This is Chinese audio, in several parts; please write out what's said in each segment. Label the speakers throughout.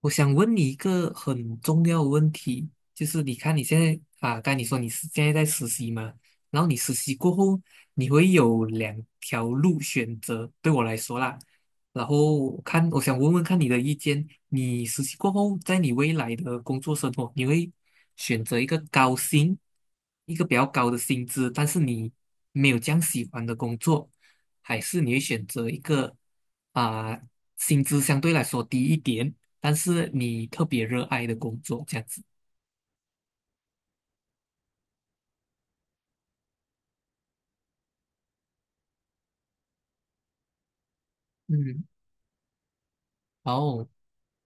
Speaker 1: 我想问你一个很重要的问题，就是你看你现在啊，刚才你说你是现在在实习嘛，然后你实习过后，你会有两条路选择，对我来说啦。然后我看，我想问问看你的意见，你实习过后，在你未来的工作生活，你会选择一个高薪，一个比较高的薪资，但是你没有这样喜欢的工作，还是你会选择一个啊、薪资相对来说低一点？但是你特别热爱的工作这样子，嗯，哦，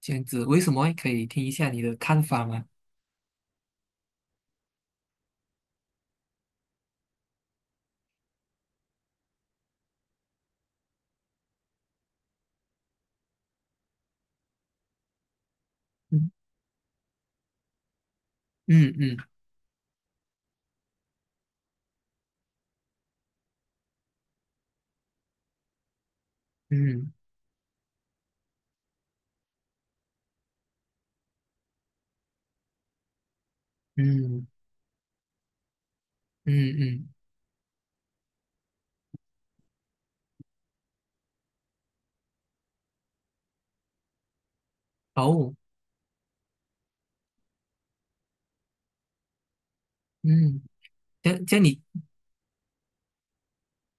Speaker 1: 这样子，为什么可以听一下你的看法吗？嗯嗯嗯嗯嗯嗯嗯，哦，嗯，这样你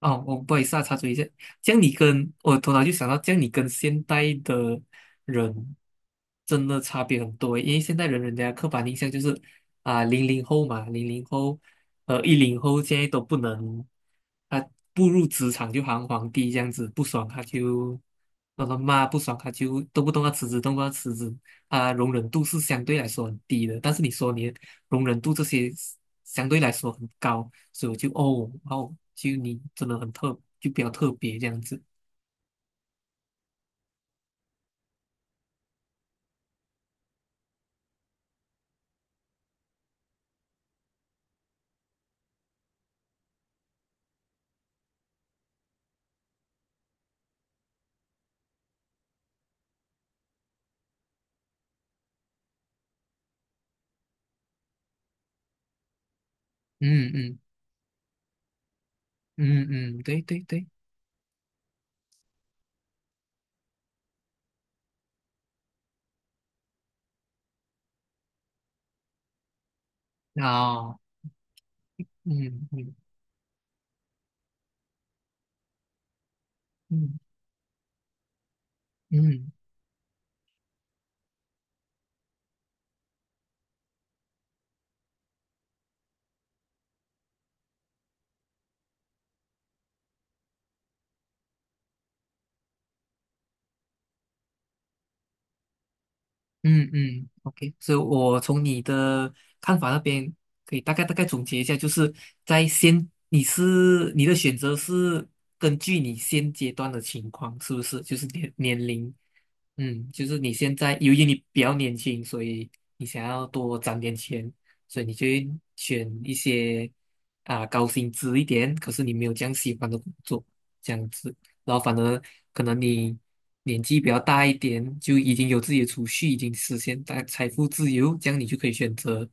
Speaker 1: 哦，我不好意思啊，插嘴一下，这样你跟我头脑就想到，这样你跟现代的人真的差别很多，因为现代人人家刻板印象就是啊，零零后嘛，零零后，10后现在都不能，他步入职场就行皇帝这样子，不爽他就让他骂，不爽他就动不动要辞职，动不动要辞职，啊，容忍度是相对来说很低的，但是你说你容忍度这些相对来说很高，所以我就哦哦，就你真的很特，就比较特别这样子。嗯嗯嗯嗯，对对对，哦，嗯嗯嗯嗯嗯嗯，OK，所以我从你的看法那边可以大概总结一下，就是在先，你是你的选择是根据你现阶段的情况，是不是？就是年龄嗯，就是你现在由于你比较年轻，所以你想要多攒点钱，所以你就会选一些高薪资一点，可是你没有这样喜欢的工作，这样子，然后反而可能你年纪比较大一点，就已经有自己的储蓄，已经实现大财富自由，这样你就可以选择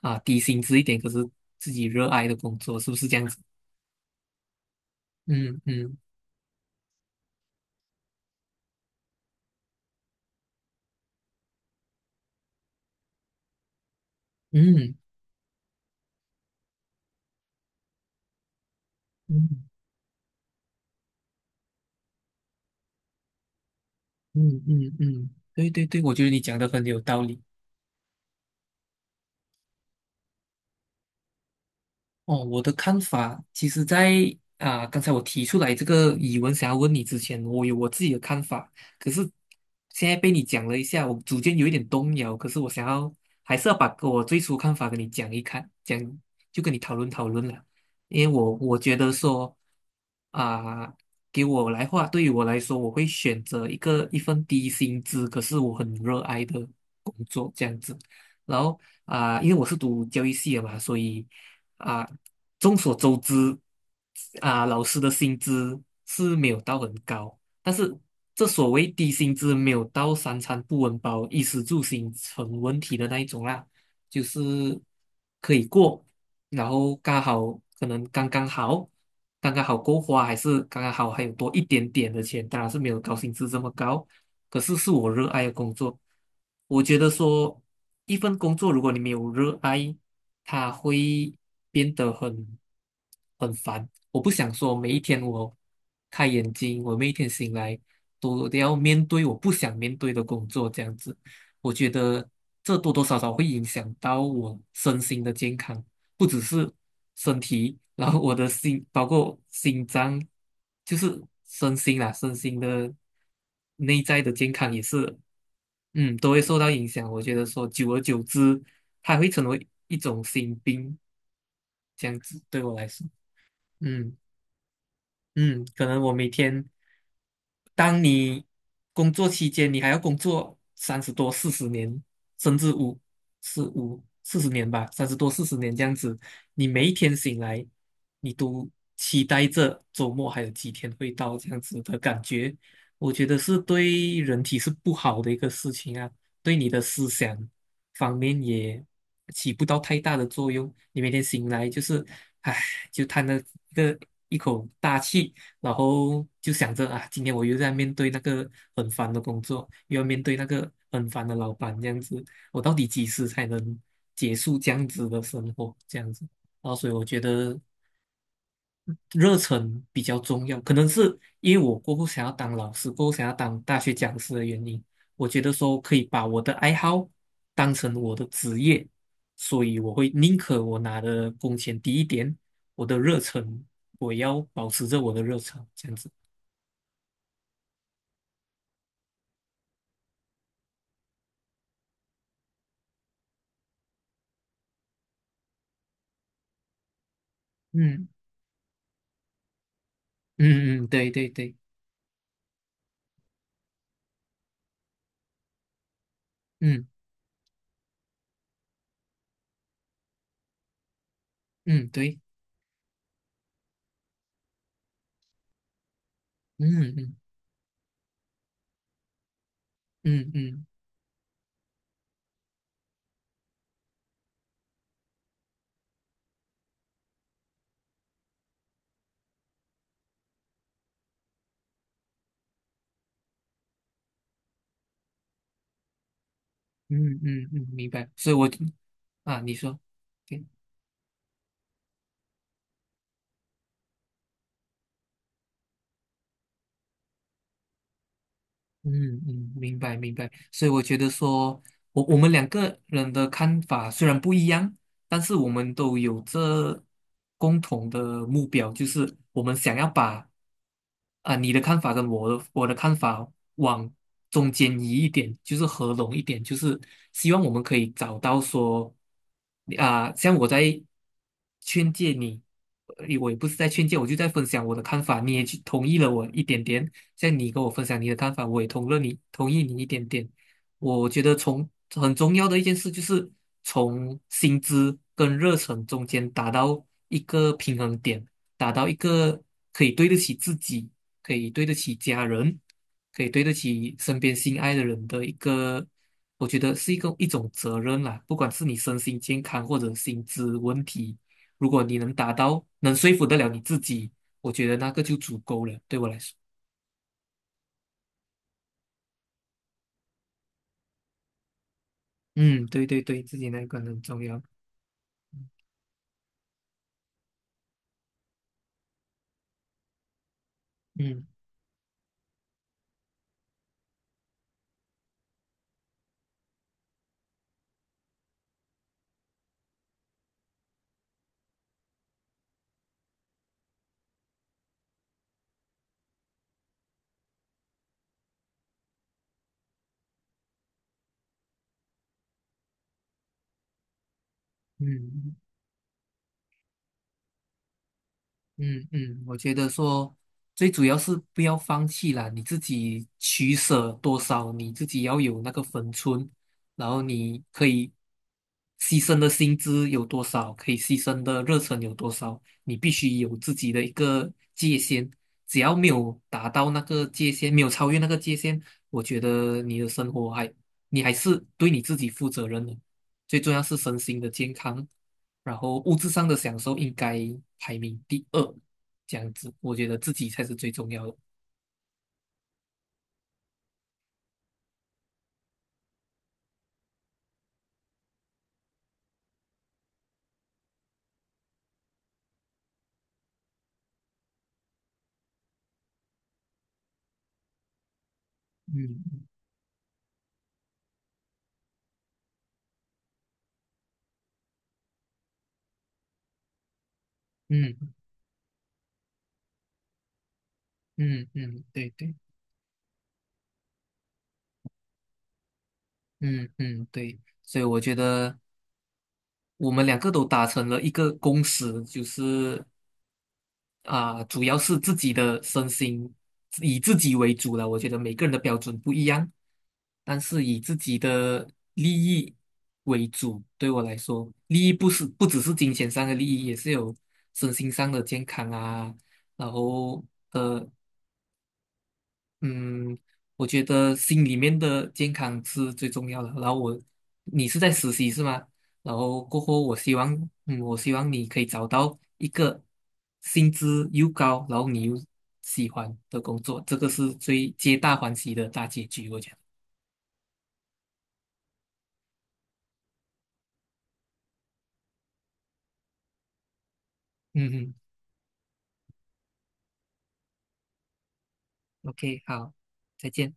Speaker 1: 低薪资一点，可是自己热爱的工作，是不是这样子？嗯嗯嗯嗯嗯嗯嗯，对对对，我觉得你讲的很有道理。哦，我的看法，其实在，啊，刚才我提出来这个疑问，想要问你之前，我有我自己的看法，可是现在被你讲了一下，我逐渐有一点动摇。可是我想要，还是要把我最初看法跟你讲一看，讲就跟你讨论讨论了，因为我觉得说，啊、给我来话，对于我来说，我会选择一个一份低薪资，可是我很热爱的。手这样子。然后因为我是读教育系的嘛，所以啊、众所周知老师的薪资是没有到很高，但是这所谓低薪资没有到三餐不温饱、衣食住行成问题的那一种啦。就是可以过，然后刚好可能刚刚好，刚刚好够花，还是刚刚好还有多一点点的钱，当然是没有高薪资这么高，可是是我热爱的工作。我觉得说一份工作，如果你没有热爱，它会变得很烦。我不想说每一天我开眼睛，我每一天醒来都要面对我不想面对的工作这样子。我觉得这多多少少会影响到我身心的健康，不只是身体，然后我的心，包括心脏，就是身心啦，身心的内在的健康也是，嗯，都会受到影响。我觉得说，久而久之，它会成为一种心病，这样子对我来说，嗯。嗯，可能我每天，当你工作期间，你还要工作三十多、四十年，甚至五、四五、四十年吧，三十多、四十年这样子，你每一天醒来，你都期待着周末还有几天会到这样子的感觉，我觉得是对人体是不好的一个事情啊，对你的思想。方面也起不到太大的作用。你每天醒来就是，唉，就叹了一个一口大气，然后就想着啊，今天我又在面对那个很烦的工作，又要面对那个很烦的老板，这样子，我到底几时才能结束这样子的生活？这样子，然后所以我觉得热忱比较重要，可能是因为我过后想要当老师，过后想要当大学讲师的原因，我觉得说可以把我的爱好当成我的职业，所以我会宁可我拿的工钱低一点，我的热忱我要保持着我的热忱，这样子。嗯嗯嗯，对对对，嗯嗯对，嗯嗯嗯嗯嗯嗯嗯，明白。所以我啊，你说。对嗯嗯，明白明白。所以我觉得说，我们两个人的看法虽然不一样，但是我们都有这共同的目标，就是我们想要把你的看法跟我的看法往中间移一点，就是合拢一点，就是希望我们可以找到说像我在劝诫你，我也不是在劝诫，我就在分享我的看法，你也去同意了我一点点。像你跟我分享你的看法，我也同意你一点点。我觉得从很重要的一件事就是从薪资跟热忱中间达到一个平衡点，达到一个可以对得起自己，可以对得起家人，可以对得起身边心爱的人的一个，我觉得是一个一种责任啦。不管是你身心健康或者薪资问题，如果你能达到，能说服得了你自己，我觉得那个就足够了，对我来说。嗯，对对对，自己那个很重要。嗯嗯，嗯嗯，我觉得说最主要是不要放弃啦，你自己取舍多少，你自己要有那个分寸，然后你可以牺牲的薪资有多少，可以牺牲的热忱有多少，你必须有自己的一个界限。只要没有达到那个界限，没有超越那个界限，我觉得你的生活还，你还是对你自己负责任的。最重要是身心的健康，然后物质上的享受应该排名第二，这样子，我觉得自己才是最重要的。嗯嗯嗯嗯，嗯对对，嗯嗯对，所以我觉得我们两个都达成了一个共识，就是主要是自己的身心，以自己为主了。我觉得每个人的标准不一样，但是以自己的利益为主，对我来说，利益不是不只是金钱上的利益，也是有身心上的健康啊，然后嗯，我觉得心里面的健康是最重要的。然后我，你是在实习是吗？然后过后，我希望，嗯，我希望你可以找到一个薪资又高，然后你又喜欢的工作，这个是最皆大欢喜的大结局，我觉得。嗯嗯，OK，好，再见。